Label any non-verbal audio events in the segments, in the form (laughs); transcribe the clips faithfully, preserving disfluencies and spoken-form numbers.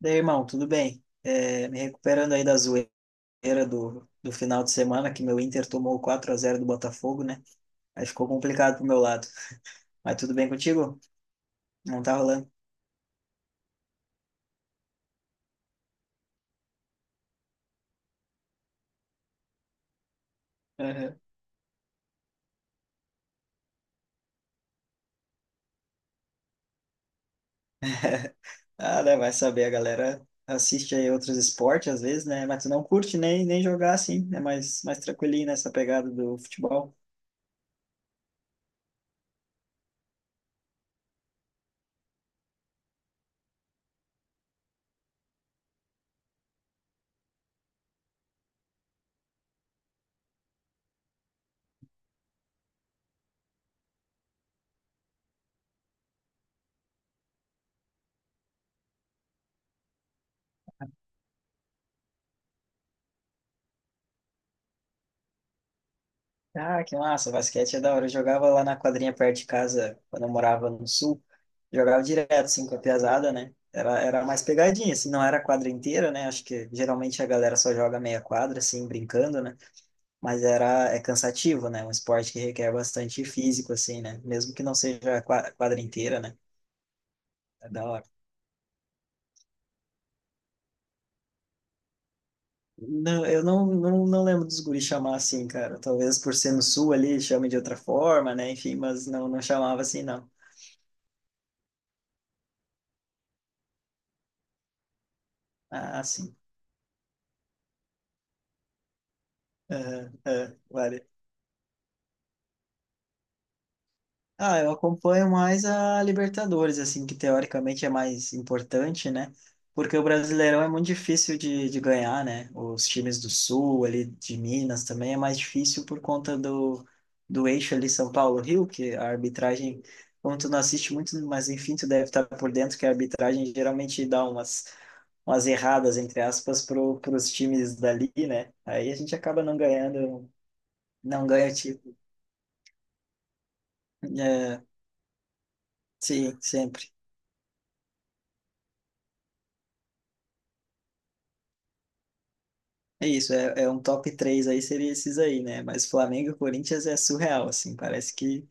Daí, irmão, tudo bem? É, me recuperando aí da zoeira do, do final de semana, que meu Inter tomou quatro a zero do Botafogo, né? Aí ficou complicado pro meu lado. Mas tudo bem contigo? Não tá rolando? Uhum. (laughs) Ah, né, vai saber, a galera assiste aí outros esportes às vezes, né? Mas tu não curte nem, nem jogar assim, é mais, mais tranquilinho nessa pegada do futebol. Ah, que massa, basquete é da hora. Eu jogava lá na quadrinha perto de casa, quando eu morava no sul. Jogava direto, assim, com a piazada, né? Era, era mais pegadinha, assim, não era a quadra inteira, né? Acho que geralmente a galera só joga meia quadra, assim, brincando, né? Mas era, é cansativo, né? Um esporte que requer bastante físico, assim, né? Mesmo que não seja a qua- quadra inteira, né? É da hora. Não, eu não, não, não lembro dos guris chamar assim, cara. Talvez por ser no sul ali, chame de outra forma, né? Enfim, mas não, não chamava assim, não. Ah, sim. Aham, aham, vale. Ah, eu acompanho mais a Libertadores, assim, que teoricamente é mais importante, né? Porque o Brasileirão é muito difícil de, de ganhar, né? Os times do Sul, ali de Minas também é mais difícil por conta do, do eixo ali São Paulo-Rio, que a arbitragem, como tu não assiste muito, mas enfim, tu deve estar por dentro que a arbitragem geralmente dá umas, umas erradas, entre aspas, pro, pros times dali, né? Aí a gente acaba não ganhando, não ganha, tipo. Sim, sempre. É isso, é, é um top três aí, seria esses aí, né? Mas Flamengo e Corinthians é surreal, assim, parece que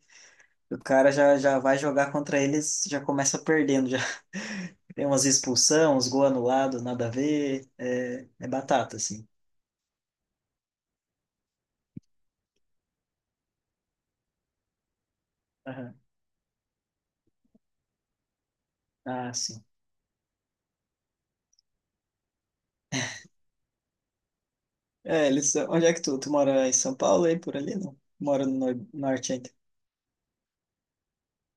o cara já, já vai jogar contra eles, já começa perdendo, já (laughs) tem umas expulsão, uns gol anulado, nada a ver, é, é batata, assim. Aham. Ah, sim. É, eles, são- onde é que tu, tu mora em São Paulo aí, por ali, não? Mora no nor- norte ainda.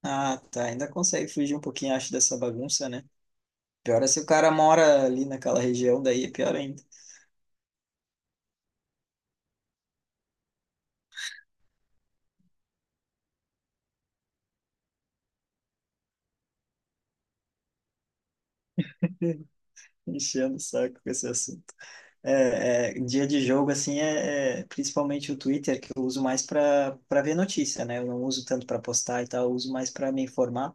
Ah, tá, ainda consegue fugir um pouquinho, acho, dessa bagunça, né? Pior é se o cara mora ali naquela região, daí é pior ainda. (laughs) Enchendo o saco com esse assunto. É, é, dia de jogo, assim, é, é principalmente o Twitter, que eu uso mais para para ver notícia, né? Eu não uso tanto para postar e tal, eu uso mais para me informar.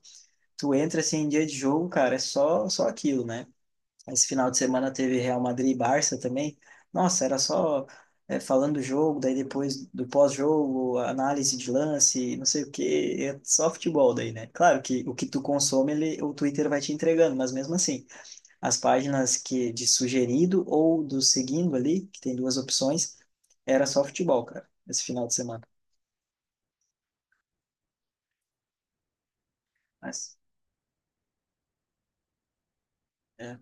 Tu entra, assim, em dia de jogo, cara, é só, só aquilo, né? Esse final de semana teve Real Madrid e Barça também. Nossa, era só é, falando do jogo, daí depois do pós-jogo, análise de lance, não sei o quê, é só futebol daí, né? Claro que o que tu consome, ele, o Twitter vai te entregando, mas mesmo assim as páginas que de sugerido ou do seguindo ali, que tem duas opções, era só futebol, cara, esse final de semana. Mas, é.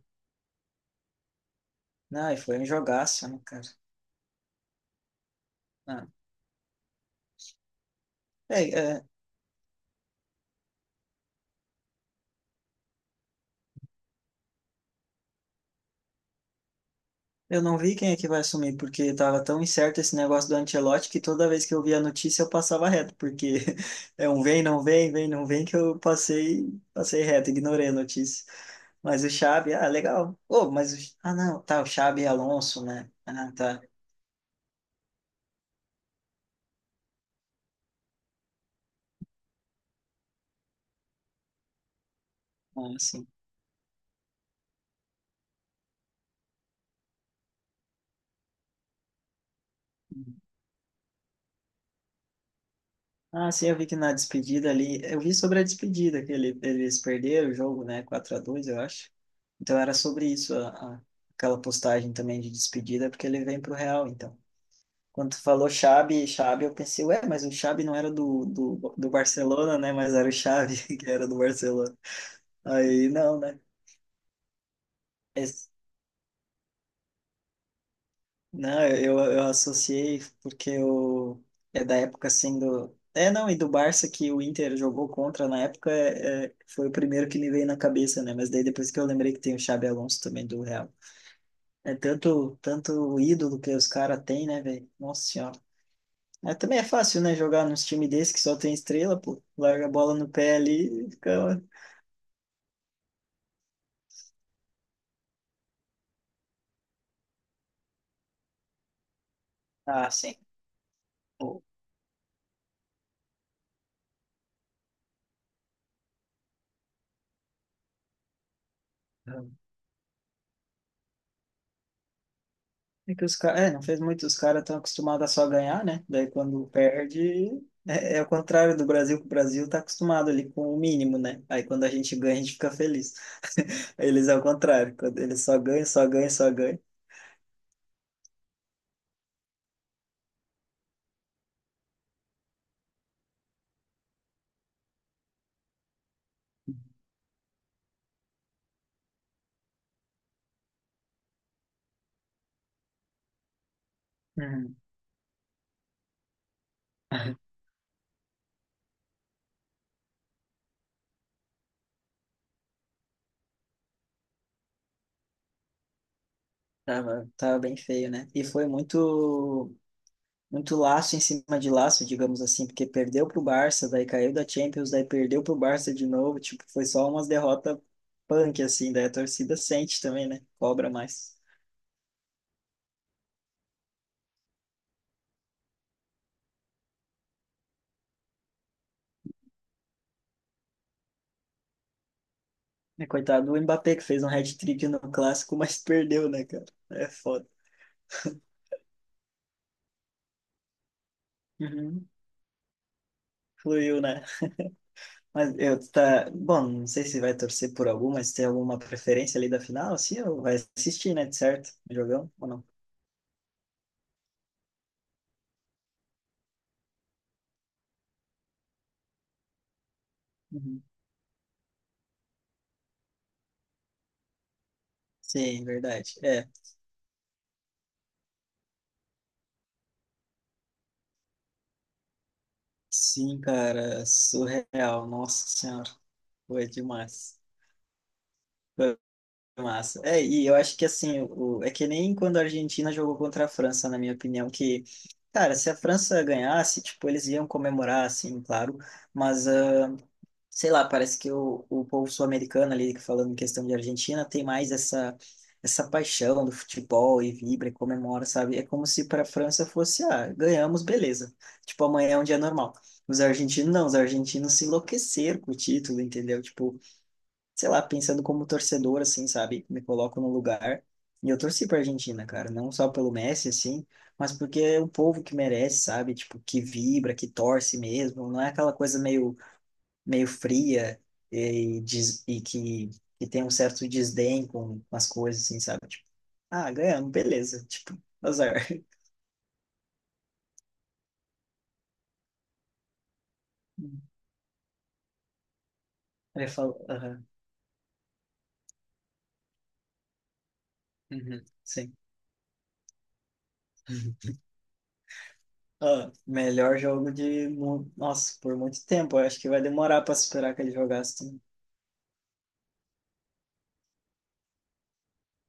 Não, e foi um jogaço, né, cara? Ah, é, é, eu não vi quem é que vai assumir, porque tava tão incerto esse negócio do Ancelotti que toda vez que eu via a notícia eu passava reto, porque (laughs) é um vem, não vem, vem, não vem, que eu passei, passei reto, ignorei a notícia. Mas o Xabi, ah, legal. Oh, mas o, ah, não, tá, o Xabi Alonso, né? Ah, tá. Ah, sim. Ah, sim, eu vi que na despedida ali, eu vi sobre a despedida, que ele, eles perderam o jogo, né, quatro a dois eu acho. Então era sobre isso, a, a- aquela postagem também de despedida, porque ele vem pro Real, então. Quando tu falou Xabi, Xabi, eu pensei, ué, mas o Xabi não era do, do, do Barcelona, né, mas era o Xavi (laughs) que era do Barcelona. Aí, não, né. Não, eu, eu eu associei porque eu, é da época assim do. É, não, e do Barça que o Inter jogou contra na época é, é, foi o primeiro que me veio na cabeça, né? Mas daí depois que eu lembrei que tem o Xabi Alonso também do Real. É tanto, tanto o ídolo que os caras têm, né, velho? Nossa Senhora. É também é fácil, né, jogar nos times desse que só tem estrela, pô. Larga a bola no pé ali e fica. Ah, sim. Pô. É que os caras, é, não fez muito, os caras estão acostumados a só ganhar, né? Daí quando perde, é, é o contrário do Brasil, que o Brasil tá acostumado ali com o mínimo, né? Aí quando a gente ganha, a gente fica feliz. (laughs) Eles é o contrário, quando eles só ganham, só ganham, só ganham. Uhum. (laughs) Tava, tava bem feio, né? E foi muito, muito laço em cima de laço, digamos assim, porque perdeu pro Barça, daí caiu da Champions, daí perdeu pro Barça de novo, tipo, foi só umas derrotas punk, assim, daí a torcida sente também, né? Cobra mais. É, coitado do Mbappé que fez um hat-trick no clássico, mas perdeu, né, cara? É foda. Uhum. Fluiu, né? Mas eu tá. Bom, não sei se vai torcer por algum, mas tem alguma preferência ali da final, sim, ou vai assistir, né? De certo? O Jogão ou não? Uhum. Sim, verdade. É. Sim, cara, surreal. Nossa Senhora. Foi demais. Massa. É, e eu acho que assim, o, é que nem quando a Argentina jogou contra a França, na minha opinião, que, cara, se a França ganhasse, tipo, eles iam comemorar, assim, claro, mas, ah, sei lá, parece que o, o povo sul-americano ali, falando em questão de Argentina, tem mais essa, essa paixão do futebol e vibra e comemora, sabe? É como se para a França fosse, ah, ganhamos, beleza. Tipo, amanhã é um dia normal. Os argentinos não, os argentinos se enlouqueceram com o título, entendeu? Tipo, sei lá, pensando como torcedor, assim, sabe? Me coloco no lugar. E eu torci pra Argentina, cara. Não só pelo Messi, assim, mas porque é um povo que merece, sabe? Tipo, que vibra, que torce mesmo. Não é aquela coisa meio, meio fria e, des- e que, que tem um certo desdém com as coisas, assim, sabe? Tipo, ah, ganhamos, beleza. Tipo, azar. (laughs) Ele falou, aham, uhum, sim. Ah, melhor jogo de. mu- Nossa, por muito tempo. Eu acho que vai demorar para superar aquele jogaço.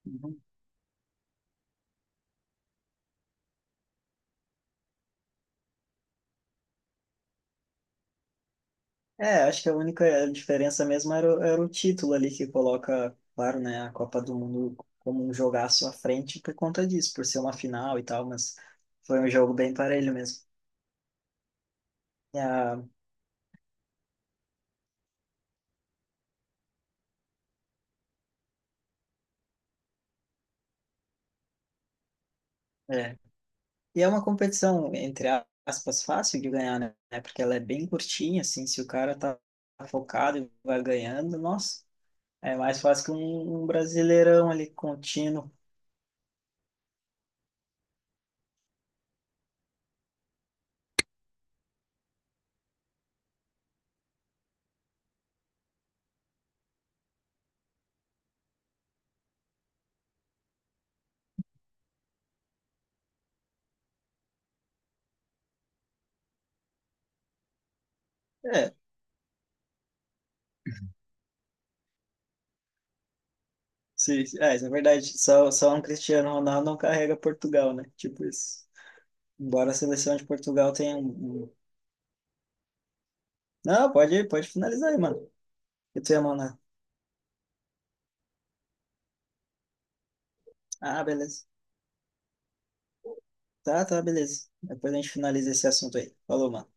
Uhum. É, acho que a única diferença mesmo era, o- era o título ali que coloca, claro, né, a Copa do Mundo como um jogaço à frente por conta disso, por ser uma final e tal, mas foi um jogo bem parelho mesmo. E a- é. E é uma competição, entre aspas, fácil de ganhar, né, porque ela é bem curtinha, assim, se o cara tá focado e vai ganhando, nossa, é mais fácil que um, um brasileirão ali contínuo. É, sim, é, isso é verdade, só, só um Cristiano Ronaldo não carrega Portugal, né, tipo isso. Embora a seleção de Portugal tenha um... um- Não, pode, pode finalizar aí, mano. Eu tenho a mão na... Ah, beleza. Tá, tá, beleza. Depois a gente finaliza esse assunto aí. Falou, mano.